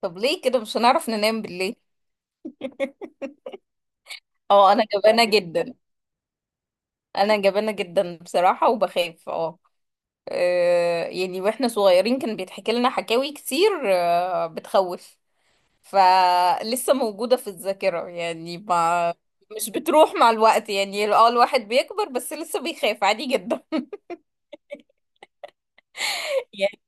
طب ليه كده مش هنعرف ننام بالليل؟ اه انا جبانة جدا. انا جبانة جدا بصراحة وبخاف يعني واحنا صغيرين كان بيتحكي لنا حكاوي كتير بتخوف. فلسه موجودة في الذاكرة، يعني ما مش بتروح مع الوقت. يعني الواحد بيكبر بس لسه بيخاف عادي جدا. يعني،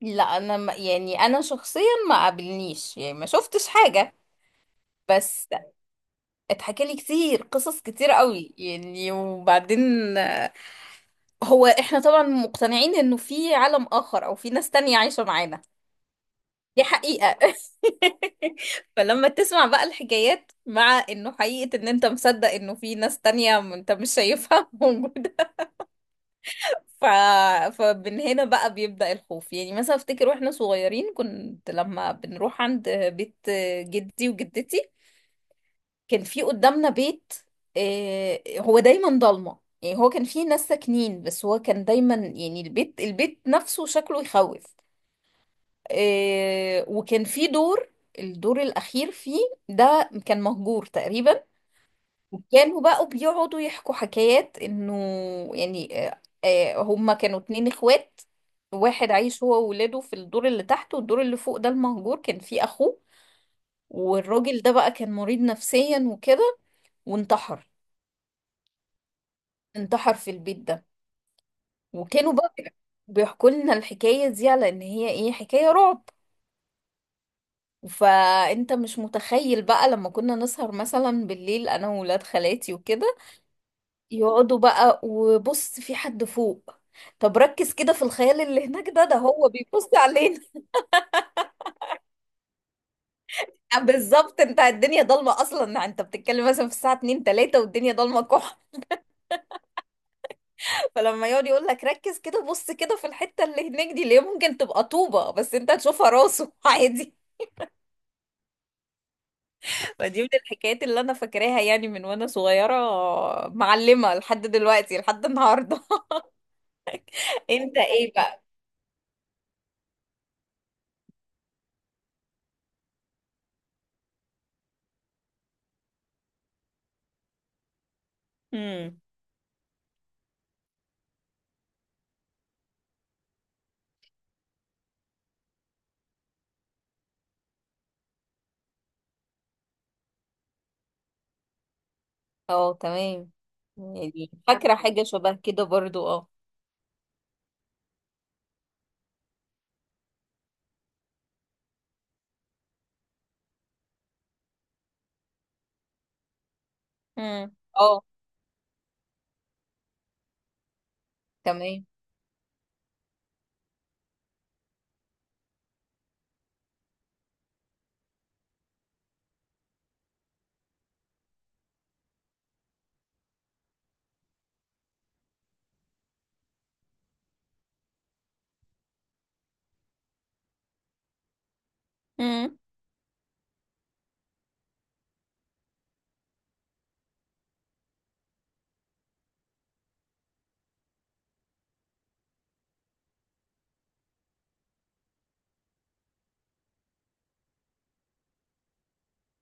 لا انا يعني انا شخصيا ما قابلنيش، يعني ما شفتش حاجة. بس اتحكى لي كتير قصص كتير قوي يعني. وبعدين هو احنا طبعا مقتنعين انه في عالم اخر او في ناس تانية عايشة معانا. دي حقيقة. فلما تسمع بقى الحكايات، مع انه حقيقة ان انت مصدق انه في ناس تانية، انت مش شايفها موجودة. ف... فمن هنا بقى بيبدأ الخوف. يعني مثلا افتكر واحنا صغيرين كنت لما بنروح عند بيت جدي وجدتي، كان في قدامنا بيت، هو دايما ضلمة. يعني هو كان فيه ناس ساكنين بس هو كان دايما يعني البيت نفسه شكله يخوف. وكان فيه دور، الدور الأخير فيه ده كان مهجور تقريبا. وكانوا بقوا بيقعدوا يحكوا حكايات إنه يعني، هما كانوا اتنين اخوات. واحد عايش هو وولاده في الدور اللي تحت، والدور اللي فوق ده المهجور كان فيه أخوه. والراجل ده بقى كان مريض نفسيا وكده، وانتحر. انتحر في البيت ده. وكانوا بقى بيحكوا لنا الحكاية دي على ان هي ايه، حكاية رعب. فانت مش متخيل بقى لما كنا نسهر مثلا بالليل انا وولاد خالاتي وكده، يقعدوا بقى وبص في حد فوق، طب ركز كده في الخيال اللي هناك ده، هو بيبص علينا. بالظبط، انت الدنيا ضلمه اصلا، انت بتتكلم مثلا في الساعه 2 3 والدنيا ضلمه كح. فلما يقعد يقول لك ركز كده، بص كده في الحته اللي هناك دي اللي هي ممكن تبقى طوبه، بس انت هتشوفها راسه عادي. فدي من الحكايات اللي انا فاكراها يعني من وانا صغيرة، معلمة لحد دلوقتي لحد النهاردة. انت ايه بقى؟ امم، اه تمام. يعني فاكرة حاجة شبه كده برضو امم، اه تمام. امم،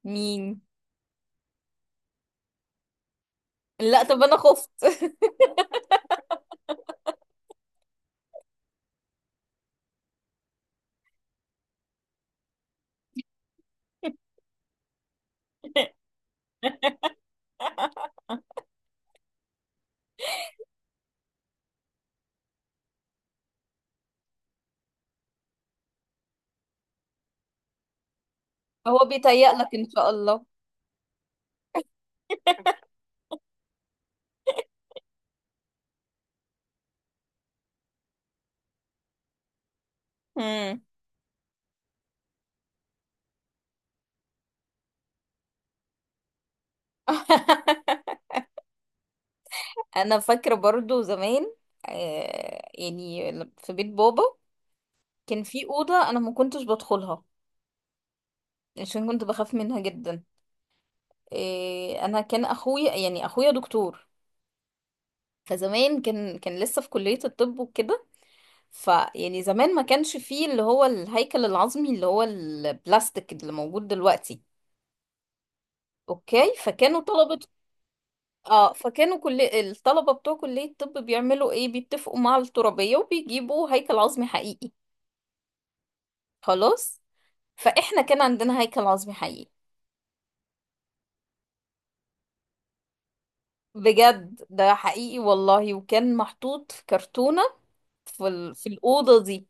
مين؟ لا طب انا خفت. هو بيتهيأ لك ان شاء الله. امم. انا فاكرة برضو زمان، يعني في بيت بابا كان في أوضة أنا ما كنتش بدخلها عشان كنت بخاف منها جدا. إيه، انا كان اخويا، يعني اخويا دكتور. فزمان كان لسه في كلية الطب وكده. فيعني زمان ما كانش فيه اللي هو الهيكل العظمي اللي هو البلاستيك اللي موجود دلوقتي. اوكي، فكانوا طلبة. اه فكانوا كل الطلبة بتوع كلية الطب بيعملوا ايه، بيتفقوا مع الترابية وبيجيبوا هيكل عظمي حقيقي. خلاص. فاحنا كان عندنا هيكل عظمي حقيقي، بجد ده حقيقي والله. وكان محطوط في كرتونة في الأوضة دي.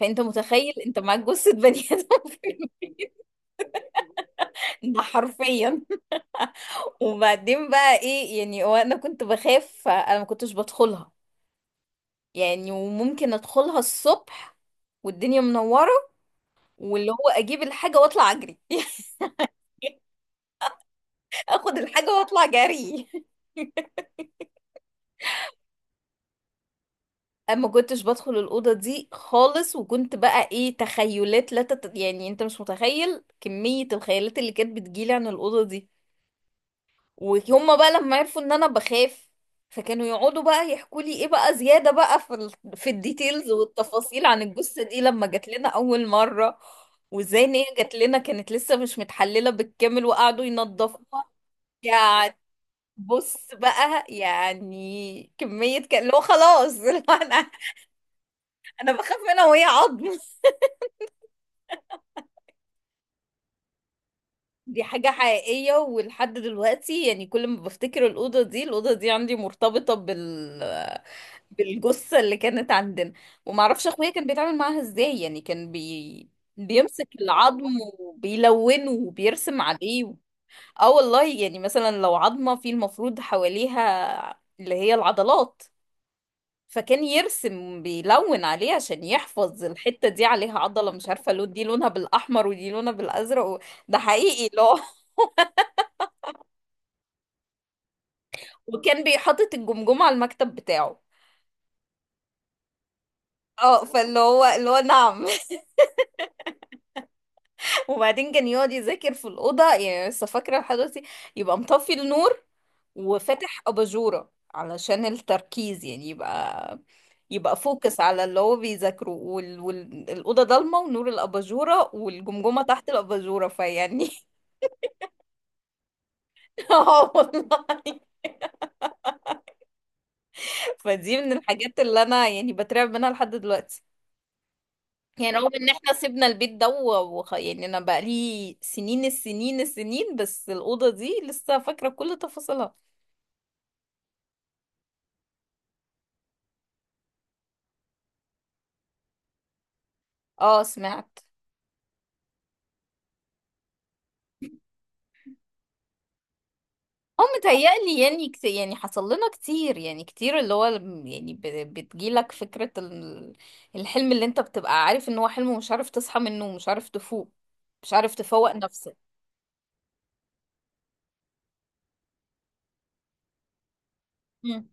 فانت متخيل انت معاك جثة بني ادم في. ده حرفيا. وبعدين بقى ايه، يعني هو انا كنت بخاف فانا ما كنتش بدخلها. يعني وممكن ادخلها الصبح والدنيا منورة، واللي هو اجيب الحاجة واطلع اجري. اخد الحاجة واطلع جري. اما كنتش بدخل الأوضة دي خالص، وكنت بقى ايه، تخيلات لا تت... يعني انت مش متخيل كمية الخيالات اللي كانت بتجيلي عن الأوضة دي. وهم بقى لما عرفوا ان انا بخاف، فكانوا يقعدوا بقى يحكوا لي ايه بقى زيادة بقى في الديتيلز والتفاصيل عن الجثة دي لما جات لنا اول مرة. وازاي ان هي جات لنا كانت لسه مش متحللة بالكامل وقعدوا ينضفوها يعني. بص بقى، يعني كمية كان اللي هو، خلاص. اللي هو انا بخاف منها وهي عظم. دي حاجة حقيقية ولحد دلوقتي. يعني كل ما بفتكر الأوضة دي، الأوضة دي عندي مرتبطة بالجثة اللي كانت عندنا. ومعرفش أخويا كان بيتعامل معاها ازاي. يعني كان بيمسك العظم وبيلونه وبيرسم عليه. اه والله. يعني مثلا لو عظمة، في المفروض حواليها اللي هي العضلات. فكان يرسم، بيلون عليه عشان يحفظ الحتة دي عليها عضلة، مش عارفة لون، دي لونها بالأحمر ودي لونها بالأزرق و... ده حقيقي، لا. وكان بيحطط الجمجمة على المكتب بتاعه. اه، فاللي هو اللي هو نعم. وبعدين كان يقعد يذاكر في الأوضة. يعني لسه فاكرة لحد دلوقتي، يبقى مطفي النور وفاتح أباجورة علشان التركيز. يعني يبقى فوكس على اللي هو بيذاكره، الأوضة ضلمة ونور الأباجورة والجمجمة تحت الأباجورة، فيعني. اه والله. فدي من الحاجات اللي أنا يعني بترعب منها لحد دلوقتي. يعني رغم ان احنا سيبنا البيت ده يعني انا بقالي سنين السنين السنين، بس الأوضة دي لسه فاكرة كل تفاصيلها. اه سمعت. اه متهيألي. يعني يعني حصل لنا كتير. يعني كتير اللي هو يعني بتجيلك فكرة الحلم اللي انت بتبقى عارف ان هو حلم ومش عارف تصحى منه ومش عارف تفوق. مش عارف تفوق نفسك. مم.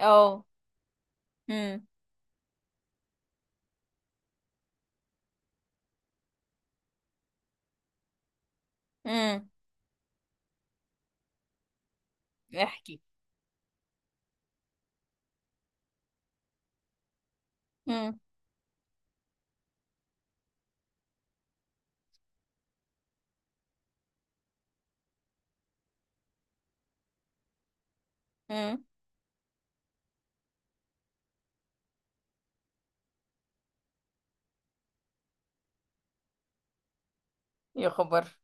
اه. امم، امم. احكي. امم، امم. يا خبر.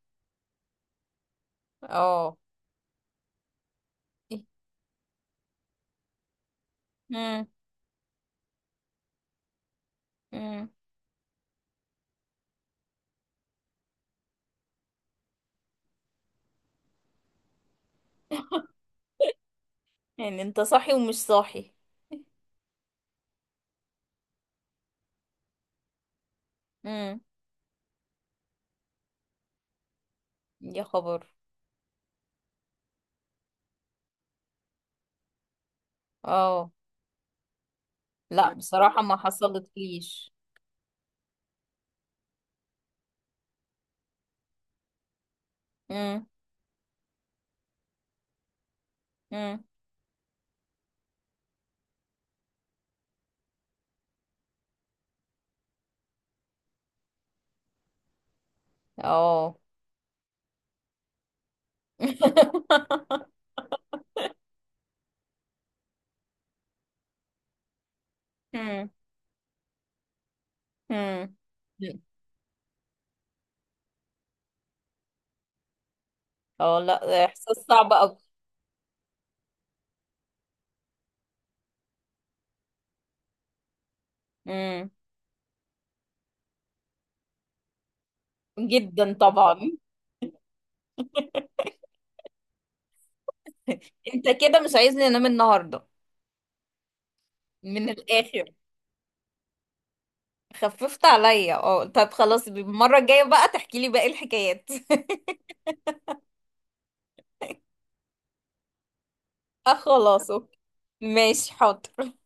اه. امم، امم. يعني انت صاحي ومش صاحي؟ امم. يا خبر. اه لا بصراحة ما حصلتليش. امم. امم. اه. امم، امم. اه لا، احساس صعب قوي. امم. جدا طبعا. انت كده مش عايزني انام النهارده. من الاخر. خففت عليا، اه. طب خلاص، المرة الجاية بقى تحكي لي باقي الحكايات. اه خلاص، اوكي. ماشي، حاضر.